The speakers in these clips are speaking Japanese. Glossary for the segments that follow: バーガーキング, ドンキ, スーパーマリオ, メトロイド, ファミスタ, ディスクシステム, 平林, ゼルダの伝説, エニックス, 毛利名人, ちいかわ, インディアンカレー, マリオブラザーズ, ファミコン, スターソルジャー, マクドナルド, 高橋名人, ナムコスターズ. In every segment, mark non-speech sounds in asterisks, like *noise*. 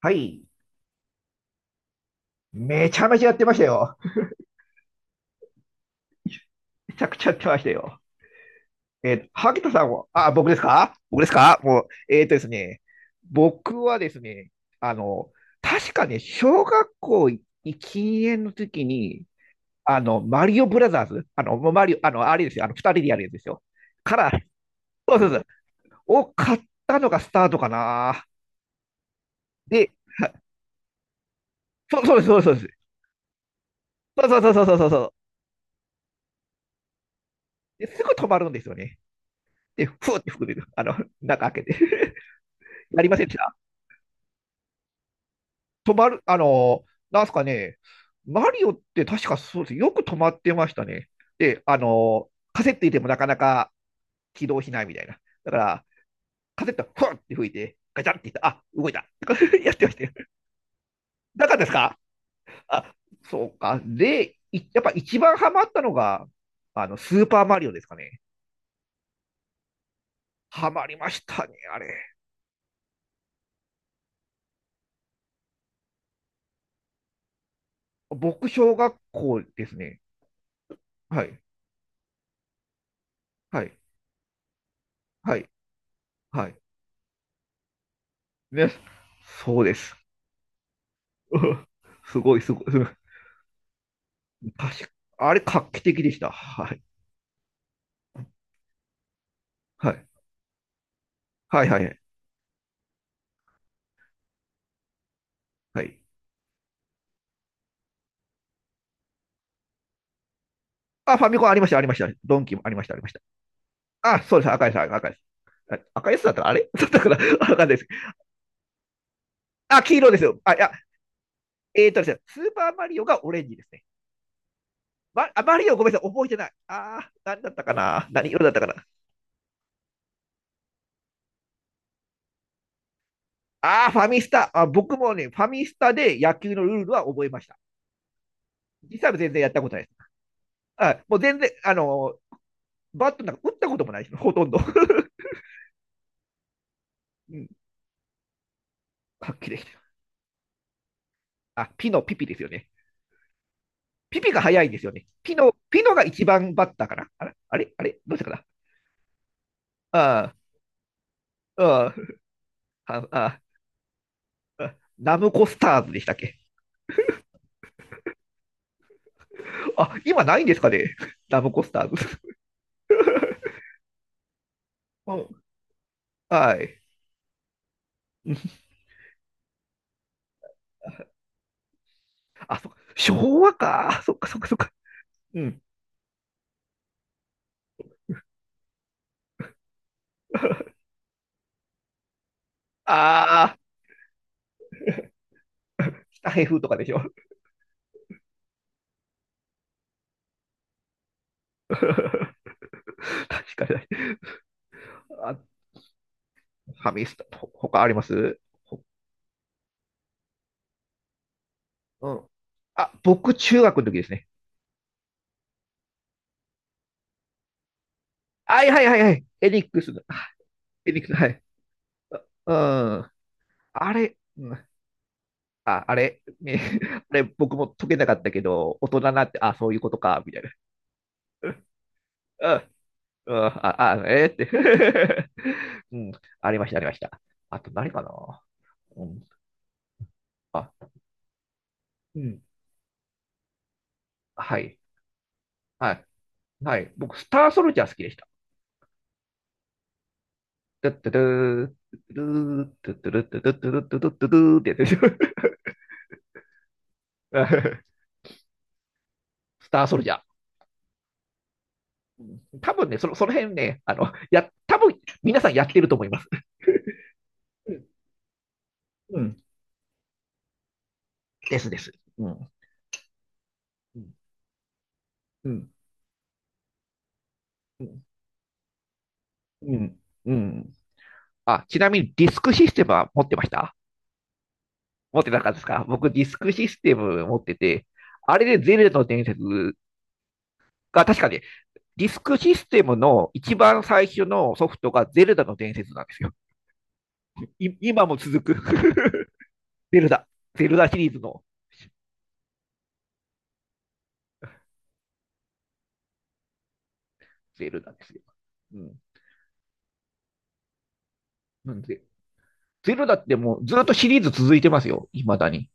はい。めちゃめちゃやってましたよ。*laughs* めちゃくちゃやってましたよ。萩田さんは、あ、僕ですか？僕ですか？もう、ですね、僕はですね、あの、確かね、小学校禁煙の時に、マリオブラザーズ、もうマリオ、あれですよ、二人でやるやつですよ。から、そうそうそう、を買ったのがスタートかな。で、そうそうです、そうです、そうです。そうそうそうそうそうそう。ですぐ止まるんですよね。で、ふーって吹く、中開けて、*laughs* やりません？止まる、なんすかね、マリオって確かそうです。よく止まってましたね。で、カセット入れてもなかなか起動しないみたいな。だから、カセット、ふわって吹いて、ガチャンっていった、あ、動いた。*laughs* やってましたよ。なかったですか？あ、そうか。で、やっぱ一番ハマったのが、スーパーマリオですかね。ハマりましたね、あれ。僕、小学校ですね。はい、はい、はい、はい。ね、そうです。*laughs* すごい、すごい。確か、あれ、画期的でした。はい。はい。はい、はい、はい。あ、ファミコンありました、ありました。ドンキもありました、ありました。あ、そうです。赤いです、赤いです。あ、赤いやつだったらあれだ *laughs* ったから、*laughs* わかんないです。あ、黄色ですよ。あ、いや、ですね、スーパーマリオがオレンジですね。ま、あ、マリオごめんなさい、覚えてない。あー、何だったかな？何色だったかな？あー、ファミスタ。あ、僕もね、ファミスタで野球のルールは覚えました。実際は全然やったことないです。あ、もう全然、ーバットなんか打ったこともないです。ほとんど。*laughs* うん、はっきりでした。あ、ピのピピですよね。ピピが早いんですよね。ピノ、ピノが一番バッターかな。あれあれあれどうしたかな？ああ、ああ、あ、ナムコスターズでしたっけ？あ、今ないんですかね？ *laughs* ナムコスターズ。はい。あ、そっか。昭和か。そっかそっかそっか。うん。*laughs* ああ、北平風とかでしょ。*laughs* 確かに。あ、ファミスタ、他あります？ほうん。あ、僕、中学の時ですね。はいはいはいはい。エニックスの、あ、エニックス、はい。うん。あれ、うん。あ、あれ、ね、*laughs* あれ、僕も解けなかったけど、大人になって、あ、そういうことか、みたいな。うん、うん、あ、あ、えーって *laughs* うん、ありました、ありました。あと、何かな？うん、あ、うん、はい、はい、はい。僕、スターソルジャー好きでした。トゥットゥドゥー、ドゥドゥドゥドゥドゥドゥドゥドゥドゥドゥってやつでしょ？ *laughs* スターソルジャー。うん、多分ね、その、その辺ね、多分、皆さんやってると思います。うん。うん、ですです。うん。うんうん。うん。うん。うん。あ、ちなみにディスクシステムは持ってました？持ってなかったですか？僕、ディスクシステム持ってて、あれでゼルダの伝説が確かね、ディスクシステムの一番最初のソフトがゼルダの伝説なんですよ。今も続く *laughs* ゼルダ。ゼルダシリーズのゼルダですよ。うん。なんで、ゼルダってもうずっとシリーズ続いてますよ。未だに。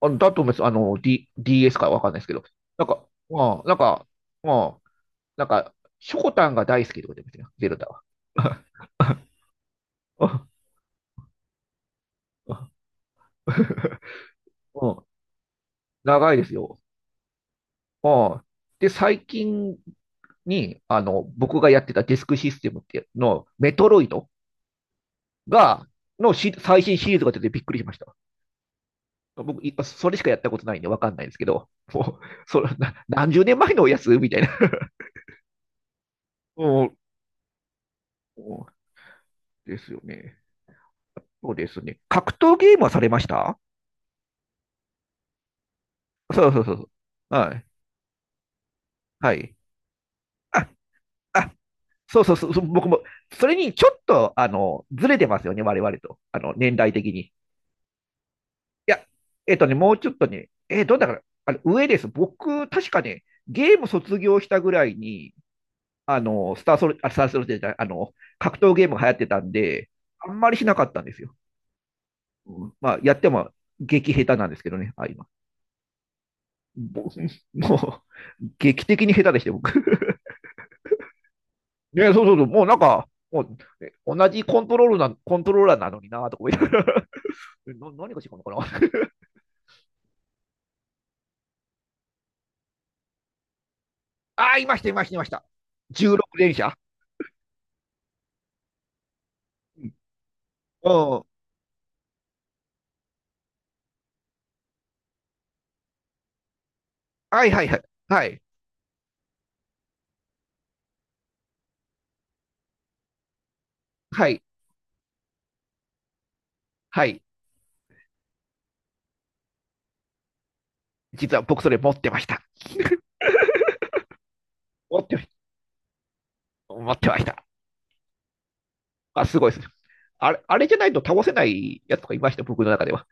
あ、だと思います。DS かわかんないですけど。なんか、まあ、なんか、まあ、なんか、ショコタンが大好きとか言ってましたよ、ゼルダは。*laughs* うん、長いですよ。うん、で、最近に、僕がやってたディスクシステムっていうの、メトロイドが、最新シリーズが出てびっくりしました。僕、それしかやったことないんでわかんないんですけど、もう、それ、何十年前のやつみたいな。うんうんですよね。そうですね。格闘ゲームはされました？そうそうそうそう。はい。はい。あ、あ、そうそうそう、僕も、それにちょっと、ずれてますよね、我々と、年代的に。いや、もうちょっとね、だから、あの上です。僕、確かね、ゲーム卒業したぐらいに、スターソル、あ、スターソルジャーじゃない、格闘ゲームが流行ってたんで、あんまりしなかったんですよ。うん、まあ、やっても、激下手なんですけどね、あ、今。うぼもう、劇的に下手でして、僕。*laughs* ね、そうそうそう、もうなんか、もう、同じコントローラーなのにな、とか思いながら。何が違うのかな？ *laughs* あー、いました、いました、いました。16連射。うん。うんはいはいはい。はい。はい。はい。実は僕それ持ってました。持ってました。持ってました。あ、すごいです。あれ、あれじゃないと倒せないやつとかいました、僕の中では。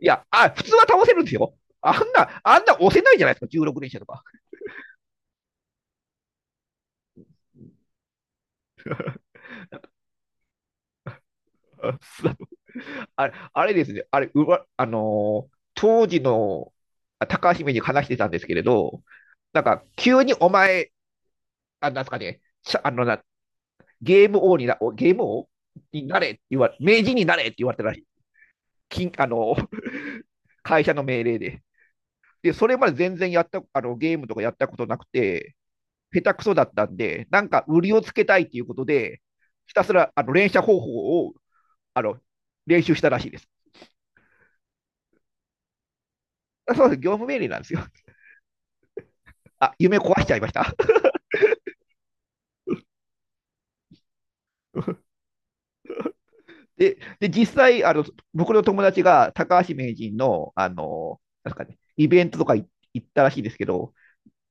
いや、あ、普通は倒せるんですよ。あんな、あんな押せないじゃないですか、16連射とか。*laughs* あ、そう、あれ、あれですね、あれ、うわ、当時の、あ、高橋名人に話してたんですけれど、なんか、急にお前、あ、なんですかね、あのなゲーム王にゲーム王になれって言われ、名人になれって言われたらしい。金あの *laughs* 会社の命令で。で、それまで全然やった、ゲームとかやったことなくて、下手くそだったんで、なんか売りをつけたいっていうことで、ひたすら、連射方法を、あの、練習したらしいです。そうです、業務命令なんですよ。*laughs* あ、夢壊しちゃいました。*laughs* で、実際、僕の友達が高橋名人の、なんですかね、イベントとか行ったらしいですけど、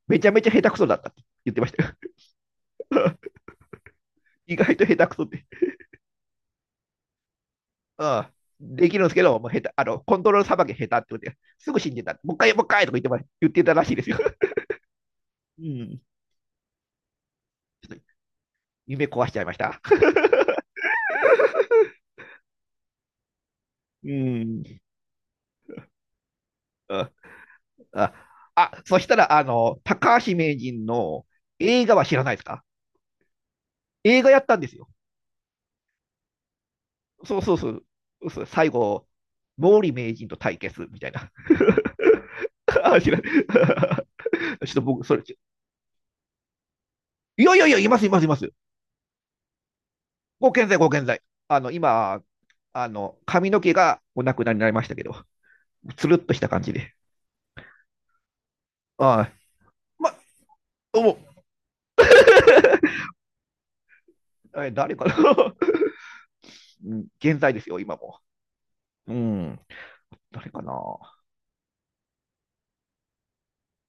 めちゃめちゃ下手くそだったって言ってましたよ。*laughs* 意外と下手くそって。ああ、できるんですけど、もう下手、コントロールさばき下手ってことですぐ死んでた。もう一回、もう一回とか言ってたらしいですよ。*laughs* うん。夢壊しちゃいました。*laughs* うん。あ、あ、あ、そしたら、高橋名人の映画は知らないですか？映画やったんですよ。そうそうそう。そう、最後、毛利名人と対決みたいな。*laughs* あ、知らない。*laughs* ちょっと僕、それ、いやいやいや、いますいますいます。ご健在、ご健在。今、髪の毛がお亡くなりになりましたけど、つるっとした感じで。はい。ま、どうも。え、誰かな？ *laughs* うん、健在ですよ、今も。うん。誰かな？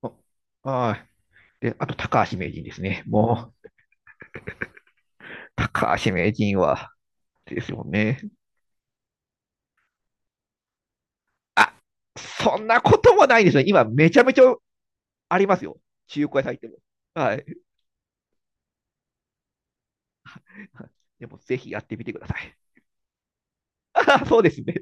あ、はい。で、あと、高橋名人ですね。もう、高橋名人は、ですよね。あ、そんなこともないですね。今、めちゃめちゃありますよ。中古屋さん行っても。はい。でも、ぜひやってみてください。*laughs* あ、そうですね。